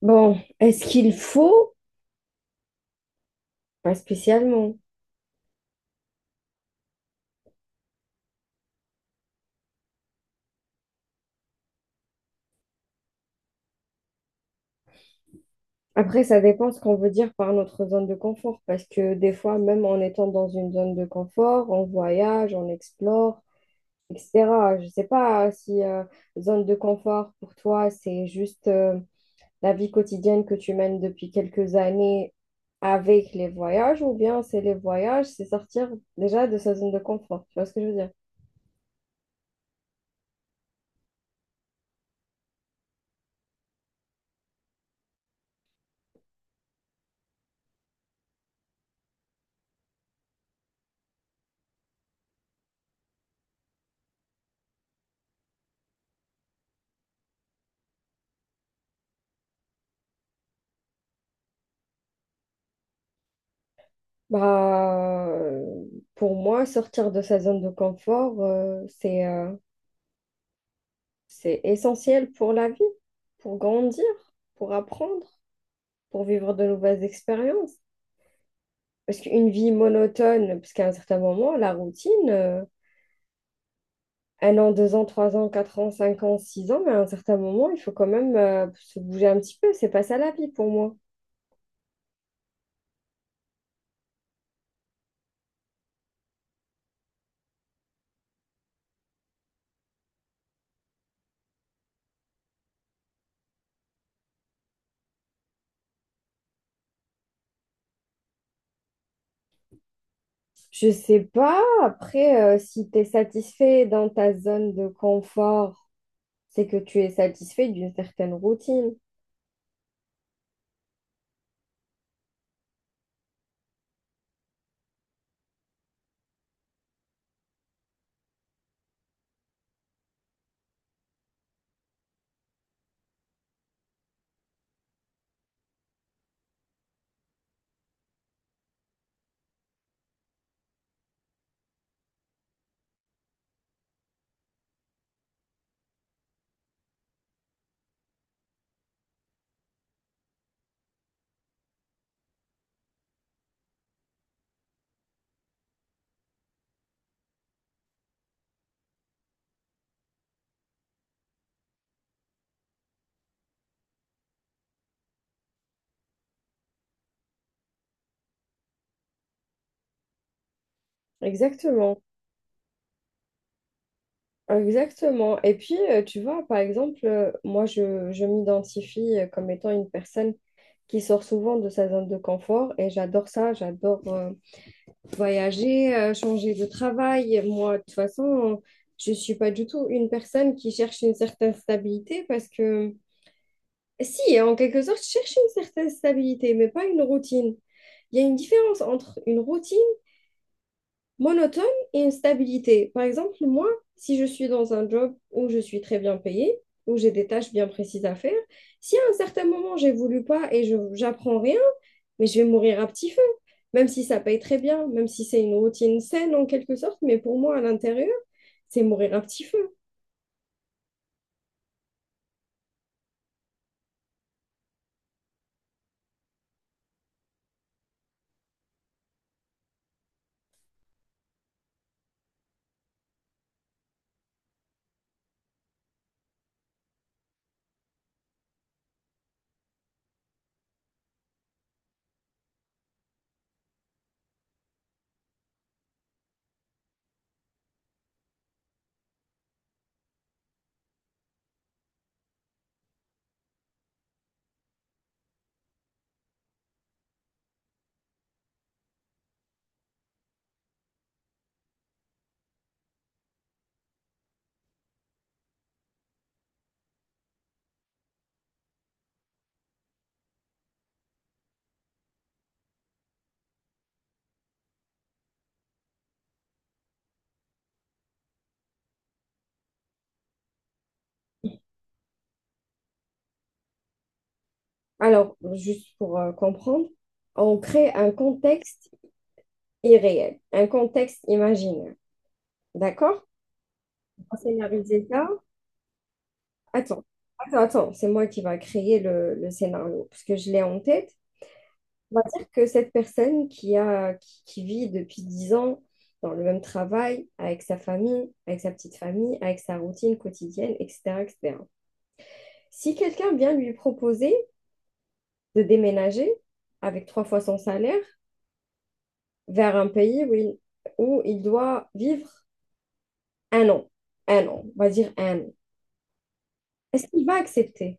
Bon, est-ce qu'il faut? Pas spécialement. Après, ça dépend ce qu'on veut dire par notre zone de confort, parce que des fois, même en étant dans une zone de confort, on voyage, on explore, etc. Je sais pas si zone de confort pour toi, c'est juste la vie quotidienne que tu mènes depuis quelques années avec les voyages, ou bien c'est les voyages, c'est sortir déjà de sa zone de confort. Tu vois ce que je veux dire? Bah, pour moi, sortir de sa zone de confort, c'est essentiel pour la vie, pour grandir, pour apprendre, pour vivre de nouvelles expériences. Parce qu'une vie monotone, parce qu'à un certain moment, la routine, 1 an, 2 ans, 3 ans, 4 ans, 5 ans, 6 ans, mais à un certain moment, il faut quand même se bouger un petit peu. C'est pas ça la vie pour moi. Je sais pas, après, si tu es satisfait dans ta zone de confort, c'est que tu es satisfait d'une certaine routine. Exactement, exactement. Et puis, tu vois, par exemple, moi, je m'identifie comme étant une personne qui sort souvent de sa zone de confort et j'adore ça, j'adore voyager, changer de travail. Moi, de toute façon, je suis pas du tout une personne qui cherche une certaine stabilité parce que, si, hein, en quelque sorte, je cherche une certaine stabilité, mais pas une routine. Il y a une différence entre une routine monotone et une stabilité. Par exemple, moi, si je suis dans un job où je suis très bien payée, où j'ai des tâches bien précises à faire, si à un certain moment j'évolue pas et je j'apprends rien, mais je vais mourir à petit feu, même si ça paye très bien, même si c'est une routine saine en quelque sorte, mais pour moi à l'intérieur, c'est mourir à petit feu. Alors, juste pour comprendre, on crée un contexte irréel, un contexte imaginaire. D'accord? On va scénariser ça. Attends, attends, attends, c'est moi qui va créer le scénario, parce que je l'ai en tête. On va dire que cette personne qui vit depuis 10 ans dans le même travail, avec sa famille, avec sa petite famille, avec sa routine quotidienne, etc., etc. Si quelqu'un vient lui proposer de déménager avec 3 fois son salaire vers un pays où il doit vivre 1 an, 1 an, on va dire 1 an. Est-ce qu'il va accepter?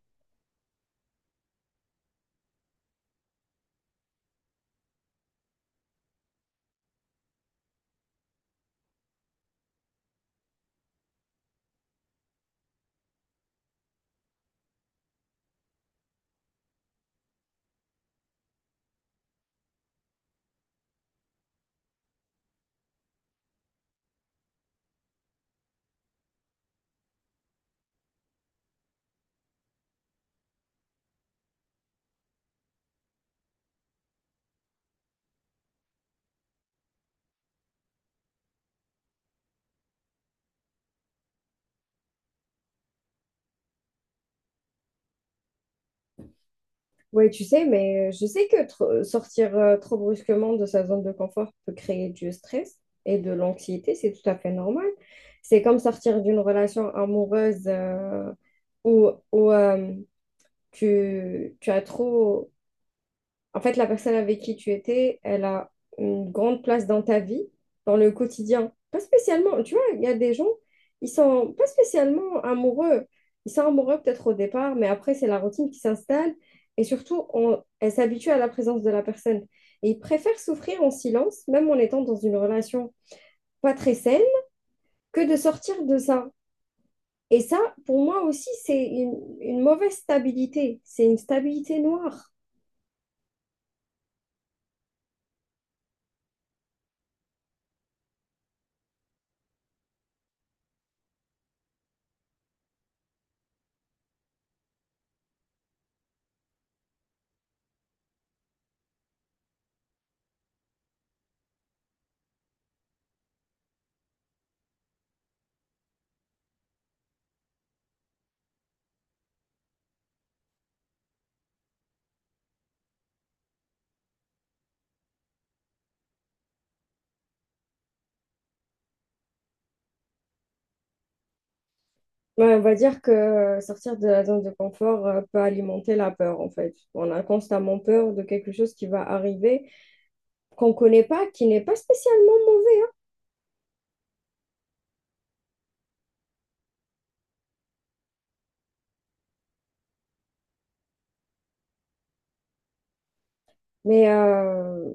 Oui, tu sais, mais je sais que sortir trop brusquement de sa zone de confort peut créer du stress et de l'anxiété, c'est tout à fait normal. C'est comme sortir d'une relation amoureuse où tu as trop. En fait, la personne avec qui tu étais, elle a une grande place dans ta vie, dans le quotidien. Pas spécialement, tu vois, il y a des gens, ils sont pas spécialement amoureux. Ils sont amoureux peut-être au départ, mais après, c'est la routine qui s'installe. Et surtout, elle s'habitue à la présence de la personne. Et ils préfèrent souffrir en silence, même en étant dans une relation pas très saine, que de sortir de ça. Et ça, pour moi aussi, c'est une mauvaise stabilité. C'est une stabilité noire. Ouais, on va dire que sortir de la zone de confort peut alimenter la peur, en fait. On a constamment peur de quelque chose qui va arriver, qu'on ne connaît pas, qui n'est pas spécialement mauvais. Mais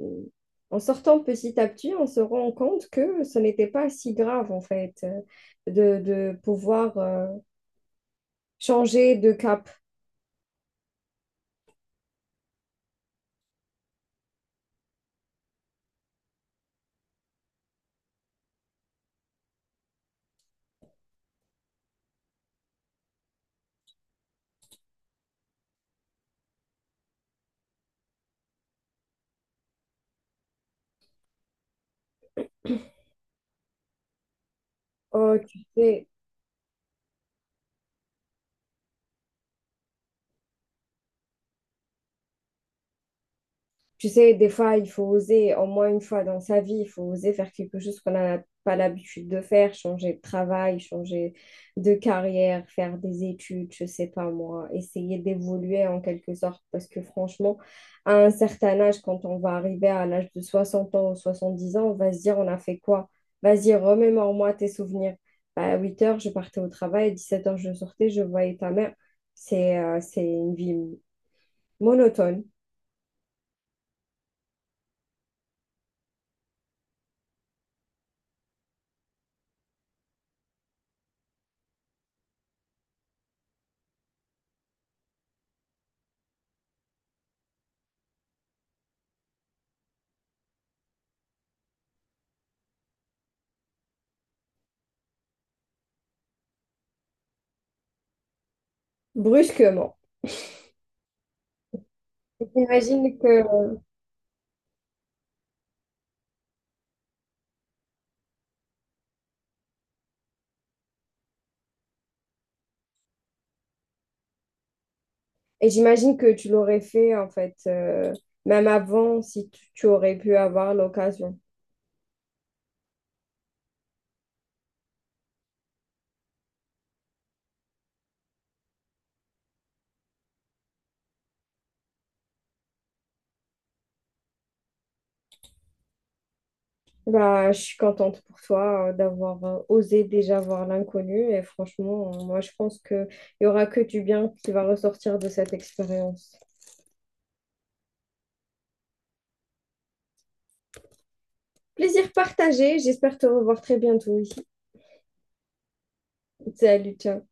en sortant petit à petit, on se rend compte que ce n'était pas si grave, en fait, de pouvoir changer de cap. Oh, tu sais. Tu sais, des fois, il faut oser, au moins une fois dans sa vie, il faut oser faire quelque chose qu'on n'a pas l'habitude de faire, changer de travail, changer de carrière, faire des études, je sais pas moi, essayer d'évoluer en quelque sorte. Parce que franchement, à un certain âge, quand on va arriver à l'âge de 60 ans ou 70 ans, on va se dire, on a fait quoi? Vas-y, remémore-moi tes souvenirs. Bah, à 8h, je partais au travail, à 7h, je sortais, je voyais ta mère. C'est une vie monotone, brusquement. J'imagine que, et j'imagine que tu l'aurais fait en fait, même avant, si tu aurais pu avoir l'occasion. Bah, je suis contente pour toi d'avoir osé déjà voir l'inconnu et franchement, moi je pense qu'il y aura que du bien qui va ressortir de cette expérience. Plaisir partagé, j'espère te revoir très bientôt ici. Salut, ciao.